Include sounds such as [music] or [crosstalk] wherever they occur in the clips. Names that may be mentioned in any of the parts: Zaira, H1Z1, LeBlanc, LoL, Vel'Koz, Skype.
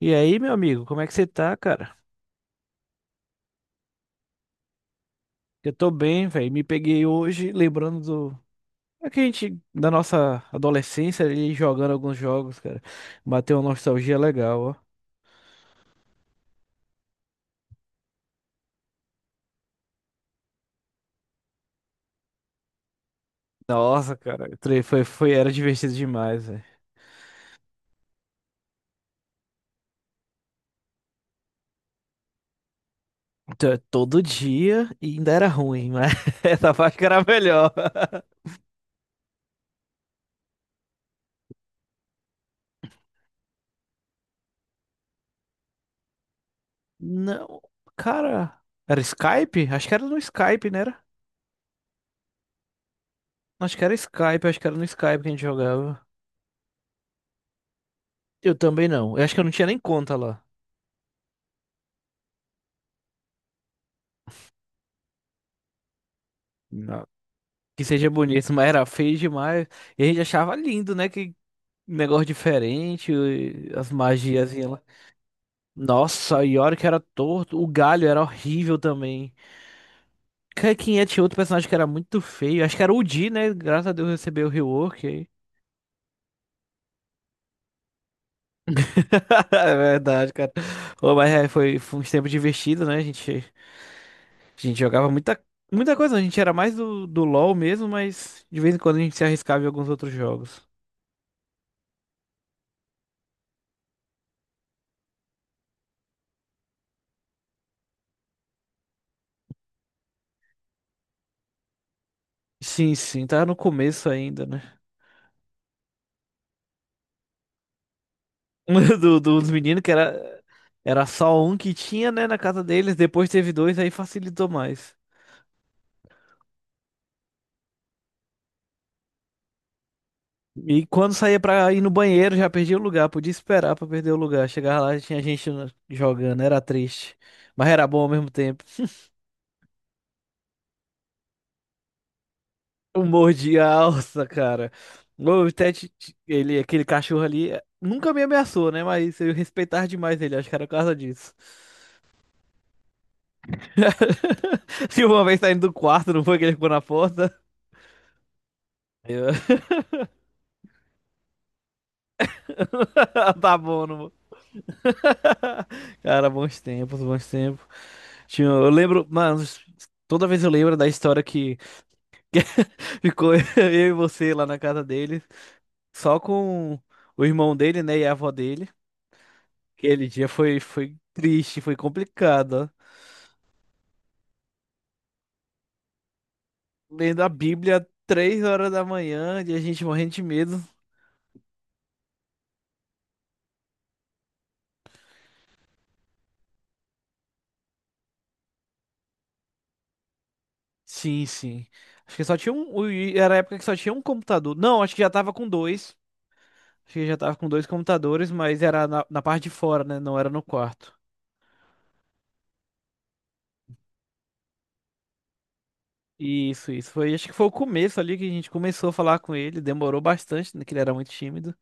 E aí, meu amigo, como é que você tá, cara? Eu tô bem, velho. Me peguei hoje lembrando do. É que a gente, da nossa adolescência, ali jogando alguns jogos, cara. Bateu uma nostalgia legal, ó. Nossa, cara, foi, era divertido demais, velho. Então, é todo dia e ainda era ruim, mas [laughs] essa parte que era melhor. Não, cara, era Skype? Acho que era no Skype, né? Era? Acho que era Skype, acho que era no Skype que a gente jogava. Eu também não. Eu acho que eu não tinha nem conta lá. Que seja bonito, [laughs] mas era feio demais. E a gente achava lindo, né? Que negócio diferente, e as magias. Nossa, e a hora que era torto. O galho era horrível também. Quem é? Tinha outro personagem que era muito feio. Acho que era o Di, né? Graças a Deus recebeu o rework aí. [laughs] É verdade, cara. Ô, mas é, foi uns tempos divertidos, né? A gente jogava muita, muita coisa. A gente era mais do LoL mesmo, mas de vez em quando a gente se arriscava em alguns outros jogos. Sim, sim, tava no começo ainda, né? [laughs] dos meninos, que era só um que tinha, né, na casa deles, depois teve dois, aí facilitou mais. E quando saía pra ir no banheiro, já perdia o lugar, podia esperar pra perder o lugar. Chegava lá, já tinha gente jogando, era triste, mas era bom ao mesmo tempo. Eu mordi a alça, cara. O Ted, ele, aquele cachorro ali, nunca me ameaçou, né, mas eu respeitava demais ele, acho que era por causa disso. [laughs] Se uma vez saindo do quarto, não foi que ele ficou na porta? Eu. [laughs] Tá bom, não vou. [laughs] Cara, bons tempos, bons tempos. Tinha, eu lembro, mano, toda vez eu lembro da história que ficou [laughs] eu e você lá na casa dele, só com o irmão dele, né, e a avó dele. Aquele dia foi triste, foi complicado, ó. Lendo a Bíblia 3 horas da manhã e a gente morrendo de medo. Sim, sim. Acho que só tinha um. Era a época que só tinha um computador. Não, acho que já tava com dois. Acho que já tava com dois computadores, mas era na parte de fora, né? Não era no quarto. Isso, isso. Foi, acho que foi o começo ali que a gente começou a falar com ele. Demorou bastante, né? Que ele era muito tímido.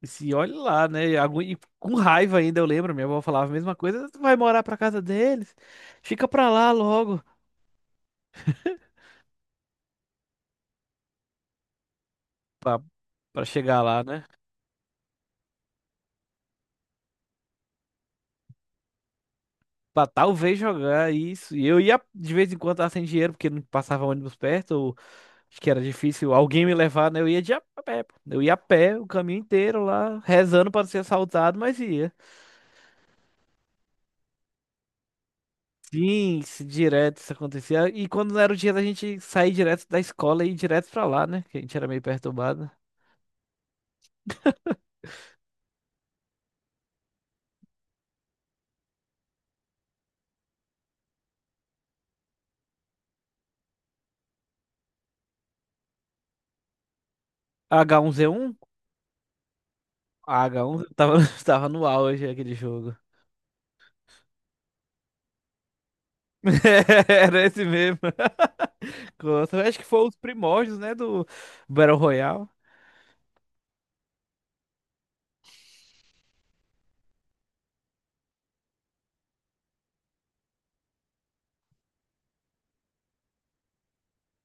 E se olha lá, né? E com raiva ainda, eu lembro. Minha avó falava a mesma coisa. Tu vai morar pra casa deles? Fica pra lá logo. Pra, pra chegar lá, né? Pra talvez jogar isso. E eu ia de vez em quando tava sem dinheiro, porque não passava ônibus perto. Ou acho que era difícil alguém me levar, né? Eu ia de a pé, pô. Eu ia a pé o caminho inteiro lá, rezando pra não ser assaltado, mas ia. Sim, direto isso acontecia. E quando era o dia da gente sair direto da escola e ir direto pra lá, né? Que a gente era meio perturbado. H1Z1? Ah, H1 tava, [laughs] tava no auge aquele jogo. [laughs] Era esse mesmo. [laughs] Contra. Acho que foi os primórdios, né, do Battle Royale.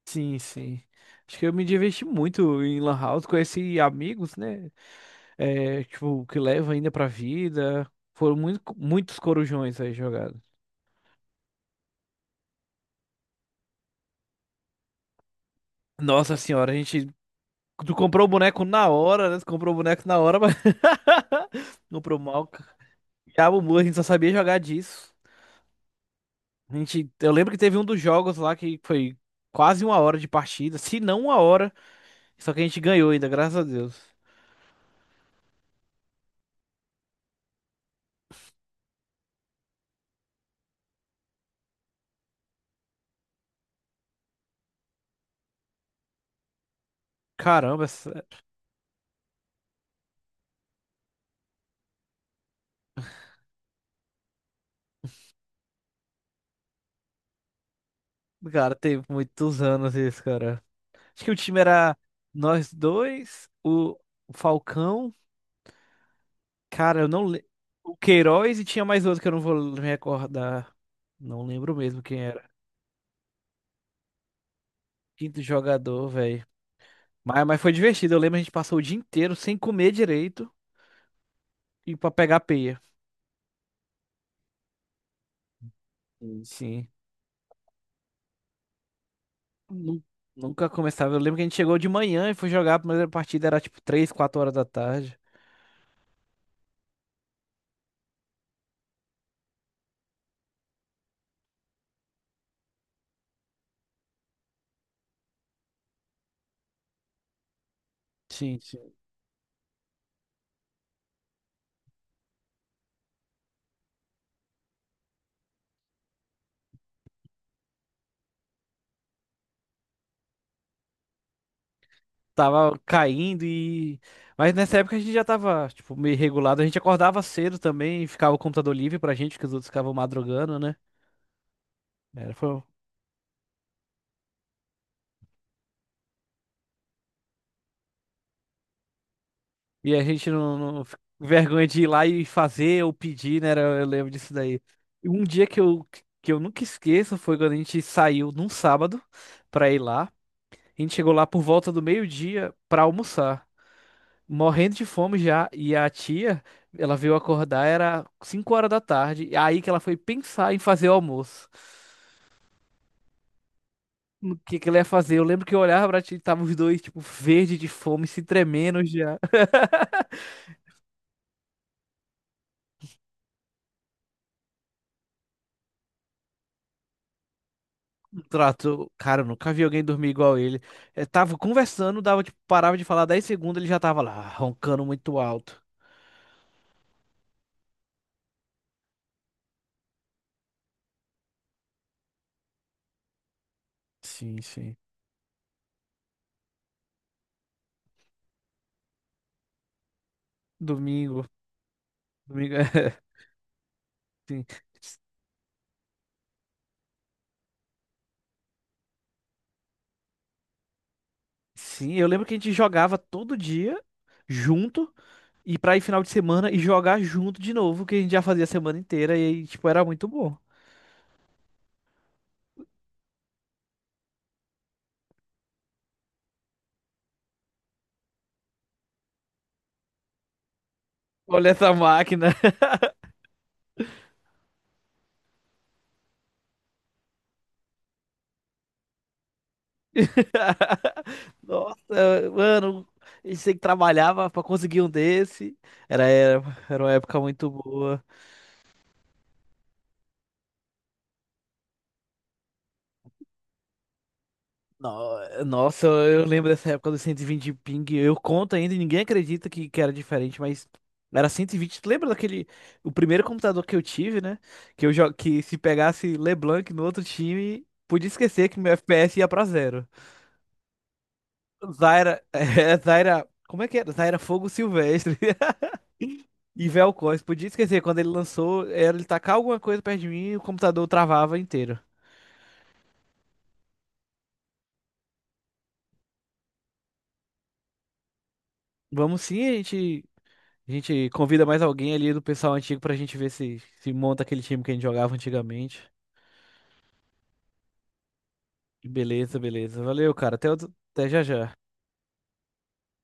Sim, sim. Acho que eu me diverti muito em Lan House, conheci amigos, né? É, tipo, que levam ainda pra vida. Foram muito, muitos corujões aí jogados. Nossa senhora, a gente Tu comprou o boneco na hora, né? Tu comprou o boneco na hora, mas [laughs] comprou mal. Diabo Mu, a gente só sabia jogar disso. A gente, eu lembro que teve um dos jogos lá que foi quase uma hora de partida, se não uma hora, só que a gente ganhou ainda, graças a Deus. Caramba, cara, teve muitos anos isso, cara. Acho que o time era nós dois, o Falcão, cara, eu não lembro. O Queiroz e tinha mais outro que eu não vou me recordar. Não lembro mesmo quem era. Quinto jogador, velho. Mas foi divertido. Eu lembro a gente passou o dia inteiro sem comer direito e pra pegar peia. Sim. Sim. Nu- Nunca começava. Eu lembro que a gente chegou de manhã e foi jogar. A primeira partida era tipo 3 4 horas da tarde. Sim. Sim. Tava caindo e. Mas nessa época a gente já tava, tipo, meio regulado. A gente acordava cedo também e ficava o computador livre pra gente, porque os outros ficavam madrugando, né? Era, foi, e a gente não fica com vergonha de ir lá e fazer ou pedir, né? Eu lembro disso daí. E um dia que eu, nunca esqueço foi quando a gente saiu num sábado pra ir lá. A gente chegou lá por volta do meio-dia pra almoçar, morrendo de fome já. E a tia, ela veio acordar, era 5 horas da tarde. E aí que ela foi pensar em fazer o almoço. O que que ela ia fazer? Eu lembro que eu olhava pra tia e tava os dois, tipo, verde de fome, se tremendo já. Trato, cara, eu nunca vi alguém dormir igual ele. Eu tava conversando, dava, tipo, parava de falar 10 segundos, ele já tava lá, ah, roncando muito alto. Sim, sim. Domingo, domingo, [laughs] sim. Sim, eu lembro que a gente jogava todo dia junto e pra ir final de semana e jogar junto de novo, que a gente já fazia a semana inteira e, aí, tipo, era muito bom. Olha essa máquina. [laughs] Nossa, mano, a gente sempre trabalhava pra conseguir um desse. Era, era, era uma época muito boa. No- Nossa, eu lembro dessa época dos 120 de ping. Eu conto ainda e ninguém acredita que era diferente, mas era 120. Tu lembra daquele. O primeiro computador que eu tive, né? Que se pegasse LeBlanc no outro time, podia esquecer que meu FPS ia pra zero. Zaira. [laughs] É, Zaira. Como é que era? Zaira Fogo Silvestre. [laughs] E Vel'Koz. Podia esquecer, quando ele lançou, era ele tacar alguma coisa perto de mim e o computador travava inteiro. Vamos sim, a gente. A gente convida mais alguém ali do pessoal antigo pra gente ver se monta aquele time que a gente jogava antigamente. Beleza, beleza. Valeu, cara. Até, até já já.